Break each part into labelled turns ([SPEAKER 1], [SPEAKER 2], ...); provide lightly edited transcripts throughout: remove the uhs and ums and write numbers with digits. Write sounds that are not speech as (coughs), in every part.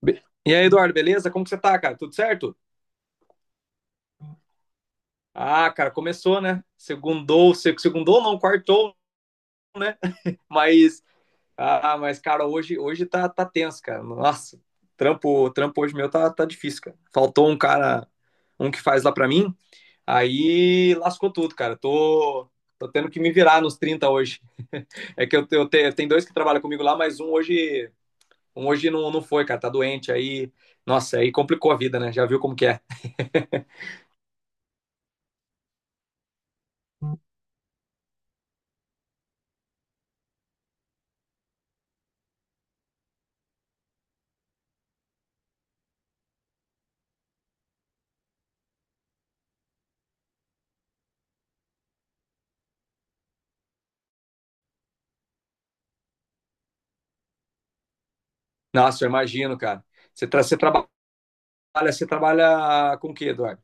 [SPEAKER 1] E aí, Eduardo, beleza? Como que você tá, cara? Tudo certo? Ah, cara, começou, né? Segundou, segundou não, quartou, né? Mas, mas, cara, hoje tá tenso, cara. Nossa, trampo hoje meu tá difícil, cara. Faltou um cara, um que faz lá pra mim, aí lascou tudo, cara. Tô tendo que me virar nos 30 hoje. (laughs) É que eu dois que trabalham comigo lá, mas um hoje não, não foi, cara. Tá doente, aí, nossa, aí complicou a vida, né? Já viu como que é. Nossa, eu imagino, cara. Você, tra você trabalha, você trabalha com o quê, Eduardo?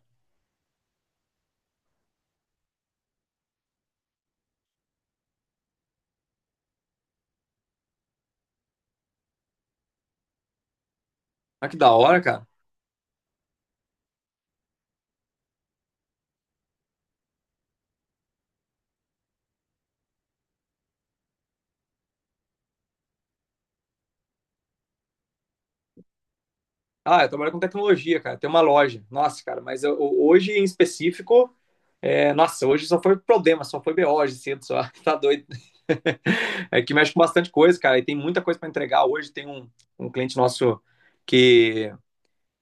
[SPEAKER 1] Ah, que da hora, cara. Ah, eu trabalho com tecnologia, cara. Tem uma loja. Nossa, cara, mas hoje em específico, nossa, hoje só foi problema, só foi BO hoje cedo, só. (laughs) Tá doido. (laughs) É que mexe com bastante coisa, cara. E tem muita coisa para entregar. Hoje tem um cliente nosso que,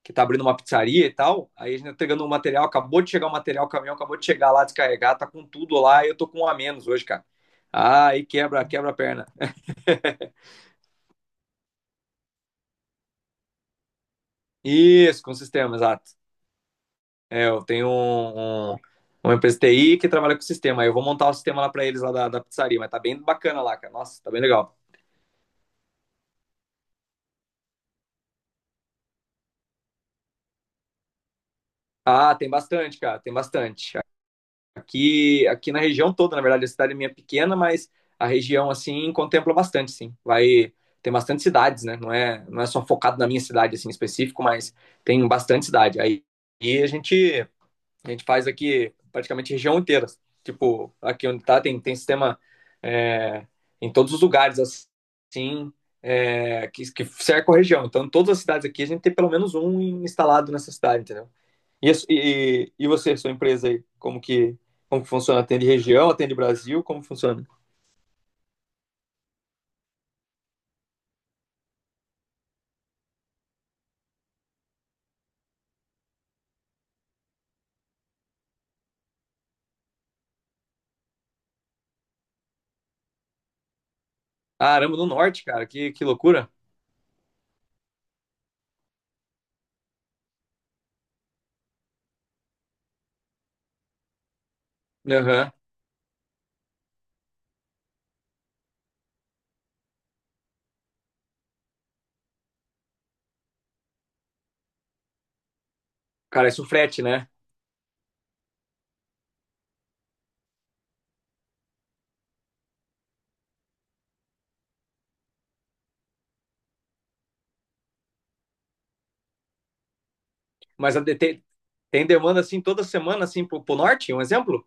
[SPEAKER 1] que tá abrindo uma pizzaria e tal. Aí a gente tá entregando um material, acabou de chegar o material, o caminhão acabou de chegar lá, descarregar, tá com tudo lá. E eu tô com um a menos hoje, cara. Ah, aí quebra, quebra a perna. Isso, com sistema, exato. É, eu tenho uma empresa de TI que trabalha com sistema. Aí eu vou montar o sistema lá pra eles lá da pizzaria, mas tá bem bacana lá, cara. Nossa, tá bem legal. Ah, tem bastante, cara, tem bastante. Aqui na região toda, na verdade, a cidade minha é pequena, mas a região assim contempla bastante, sim. Vai Tem bastante cidades, né? Não é só focado na minha cidade assim em específico, mas tem bastante cidade. Aí e a gente A gente faz aqui praticamente região inteira. Tipo, aqui onde tá, tem sistema é, em todos os lugares, assim, que cerca a região. Então, em todas as cidades aqui, a gente tem pelo menos um instalado nessa cidade, entendeu? E você, sua empresa aí, como que funciona? Atende região, atende Brasil, como funciona? Ah, Aramo do Norte, cara, que loucura. Aham. Cara, isso frete, né? Mas tem demanda, assim, toda semana, assim, pro Norte, um exemplo?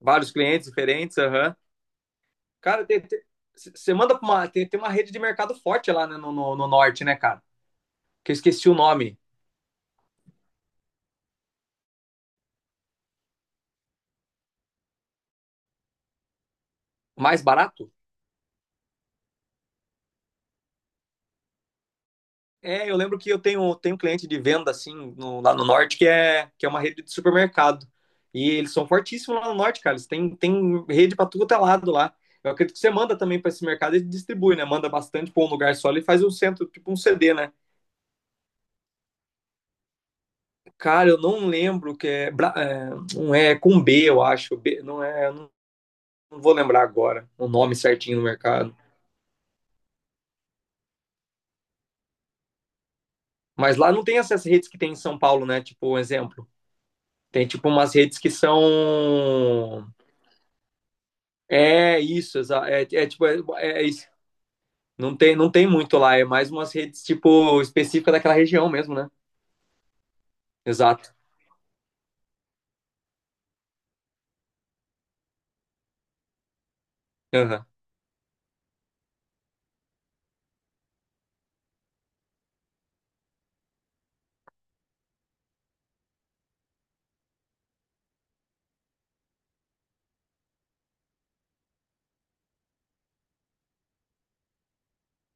[SPEAKER 1] Vários clientes diferentes, aham. Cara, você manda pra uma. Tem uma rede de mercado forte lá, né, no norte, né, cara? Que eu esqueci o nome. Mais barato? É, eu lembro que eu tenho um cliente de venda, assim, lá no norte, que é uma rede de supermercado. E eles são fortíssimos lá no norte, cara. Eles têm rede pra tudo quanto é lado lá. Eu acredito que você manda também pra esse mercado e distribui, né? Manda bastante pra um lugar só e faz um centro, tipo um CD, né? Cara, eu não lembro que é. Não é com B, eu acho. B, não é. Eu Não Não vou lembrar agora o nome certinho do mercado. Mas lá não tem essas redes que tem em São Paulo, né? Tipo, um exemplo. Tem tipo umas redes que são. É isso, é tipo, é isso. Não tem muito lá, é mais umas redes tipo específicas daquela região mesmo, né? Exato. Aham.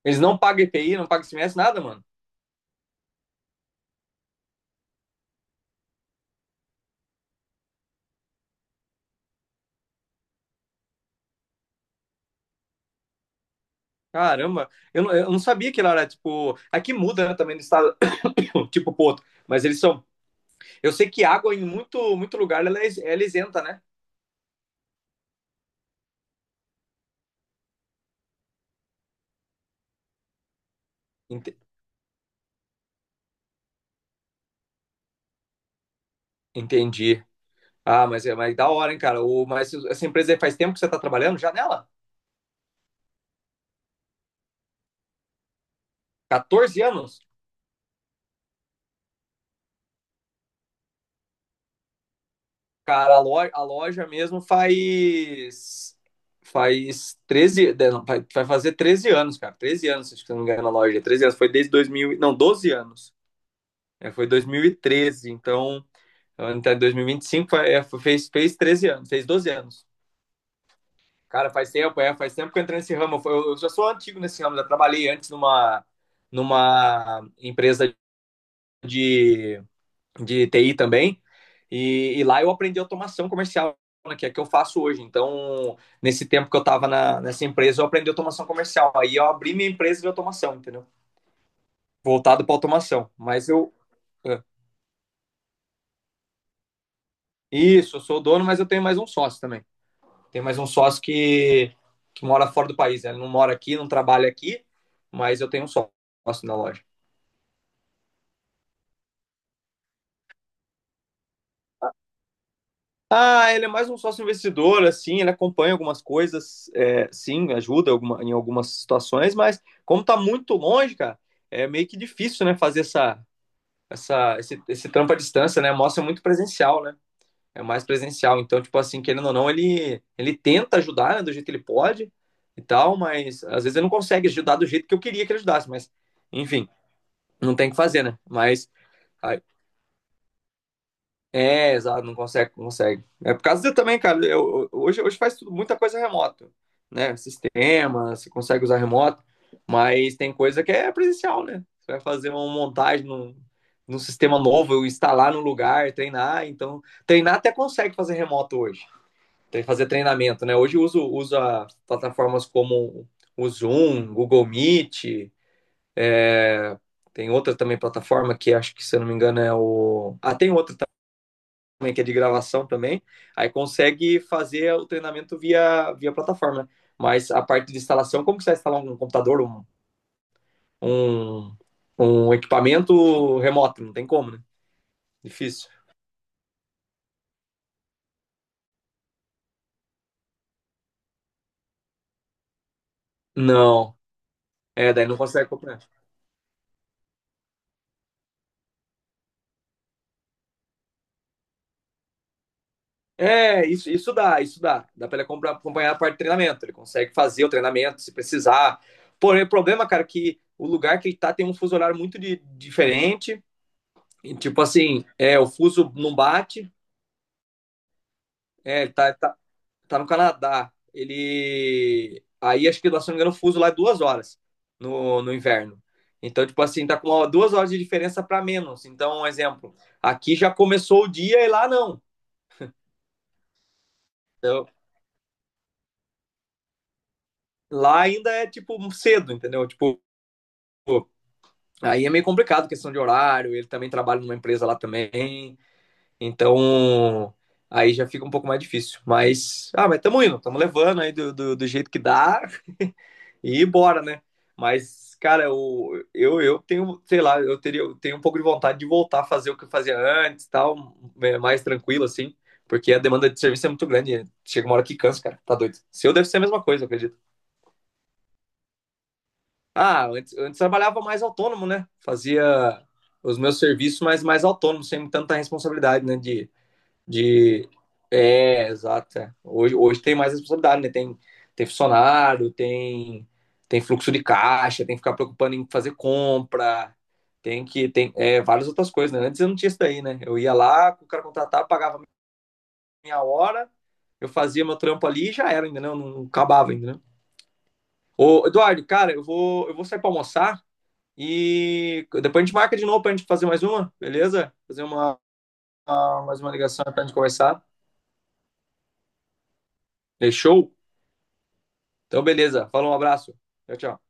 [SPEAKER 1] Eles não pagam EPI, não pagam SMS, nada, mano. Caramba, eu não sabia que lá era tipo. Aqui muda, né, também do estado, (coughs) (clears throat) tipo pro outro. Mas eles são. Eu sei que água em muito, muito lugar ela é isenta, né? Ent- Entendi. Ah, mas da hora, hein, cara. Mas essa empresa aí faz tempo que você tá trabalhando já nela? 14 anos? Cara, a loja mesmo faz. Faz 13. Não, vai fazer 13 anos, cara. 13 anos, acho que se eu não me engano, na loja. 13 anos. Foi desde 2000. Não, 12 anos. É, foi 2013. Então, até 2025 fez 13 anos. Fez 12 anos. Cara, faz tempo, é. Faz tempo que eu entrei nesse ramo. Eu já sou antigo nesse ramo. Já trabalhei antes numa empresa de de TI também. Lá eu aprendi automação comercial, né, que é que eu faço hoje. Então, nesse tempo que eu estava nessa empresa, eu aprendi automação comercial. Aí eu abri minha empresa de automação, entendeu? Voltado para automação. Mas eu. é, Isso, eu sou dono, mas eu tenho mais um sócio também. Tem mais um sócio que mora fora do país. Né? Ele não mora aqui, não trabalha aqui, mas eu tenho um sócio na loja. Ah, ele é mais um sócio investidor, assim, ele acompanha algumas coisas, é, sim, ajuda em algumas situações, mas como tá muito longe, cara, é meio que difícil, né, fazer esse trampo à distância, né? Mostra muito presencial, né? É mais presencial. Então, tipo assim, querendo ou não, ele tenta ajudar, né, do jeito que ele pode e tal, mas às vezes ele não consegue ajudar do jeito que eu queria que ele ajudasse, mas, enfim, não tem o que fazer, né? Ah, É, exato, não consegue, não consegue. É por causa de também, cara. Hoje faz muita coisa remoto, né? Sistema, você consegue usar remoto, mas tem coisa que é presencial, né? Você vai fazer uma montagem num sistema novo, instalar no lugar, treinar. Então, treinar até consegue fazer remoto hoje. Tem que fazer treinamento, né? Hoje eu usa plataformas como o Zoom, Google Meet, é, tem outra também plataforma que acho que, se eu não me engano, é o. Ah, tem outra também, né, que é de gravação também, aí consegue fazer o treinamento via, plataforma, né? Mas a parte de instalação, como que você vai instalar um computador, um, um equipamento remoto? Não tem como, né? Difícil. Não. É, daí não consegue acompanhar. É, isso dá, isso dá. Dá pra ele acompanhar a parte de treinamento. Ele consegue fazer o treinamento se precisar. Porém, o problema, cara, é que o lugar que ele tá tem um fuso horário muito diferente. E, tipo assim, o fuso não bate. É, ele tá no Canadá. Ele. Aí acho que lá, se não me engano, o fuso lá é 2 horas no inverno. Então, tipo assim, tá com 2 horas de diferença para menos. Então, um exemplo, aqui já começou o dia e lá não. Então, lá ainda é tipo cedo, entendeu? Tipo, aí é meio complicado questão de horário. Ele também trabalha numa empresa lá também. Então, aí já fica um pouco mais difícil. Mas, tamo indo, tamo levando aí do jeito que dá. E bora, né? Mas, cara, eu tenho, sei lá, eu tenho um pouco de vontade de voltar a fazer o que eu fazia antes e tal, mais tranquilo, assim, porque a demanda de serviço é muito grande, né? Chega uma hora que cansa, cara, tá doido. Seu deve ser a mesma coisa, eu acredito. Ah, antes trabalhava mais autônomo, né? Fazia os meus serviços, mas mais autônomo, sem tanta responsabilidade, né? De de. É, exato. Hoje tem mais responsabilidade, né? Tem funcionário, tem fluxo de caixa, tem que ficar preocupando em fazer compra, tem que. Tem várias outras coisas, né? Antes eu não tinha isso daí, né? Eu ia lá, o cara contratava, pagava minha hora, eu fazia meu trampo ali e já era, ainda não acabava ainda, né? Ô, Eduardo, cara, eu vou sair pra almoçar e depois a gente marca de novo pra gente fazer mais uma, beleza? Mais uma ligação pra gente conversar. Fechou? Então, beleza. Falou, um abraço. Tchau, tchau.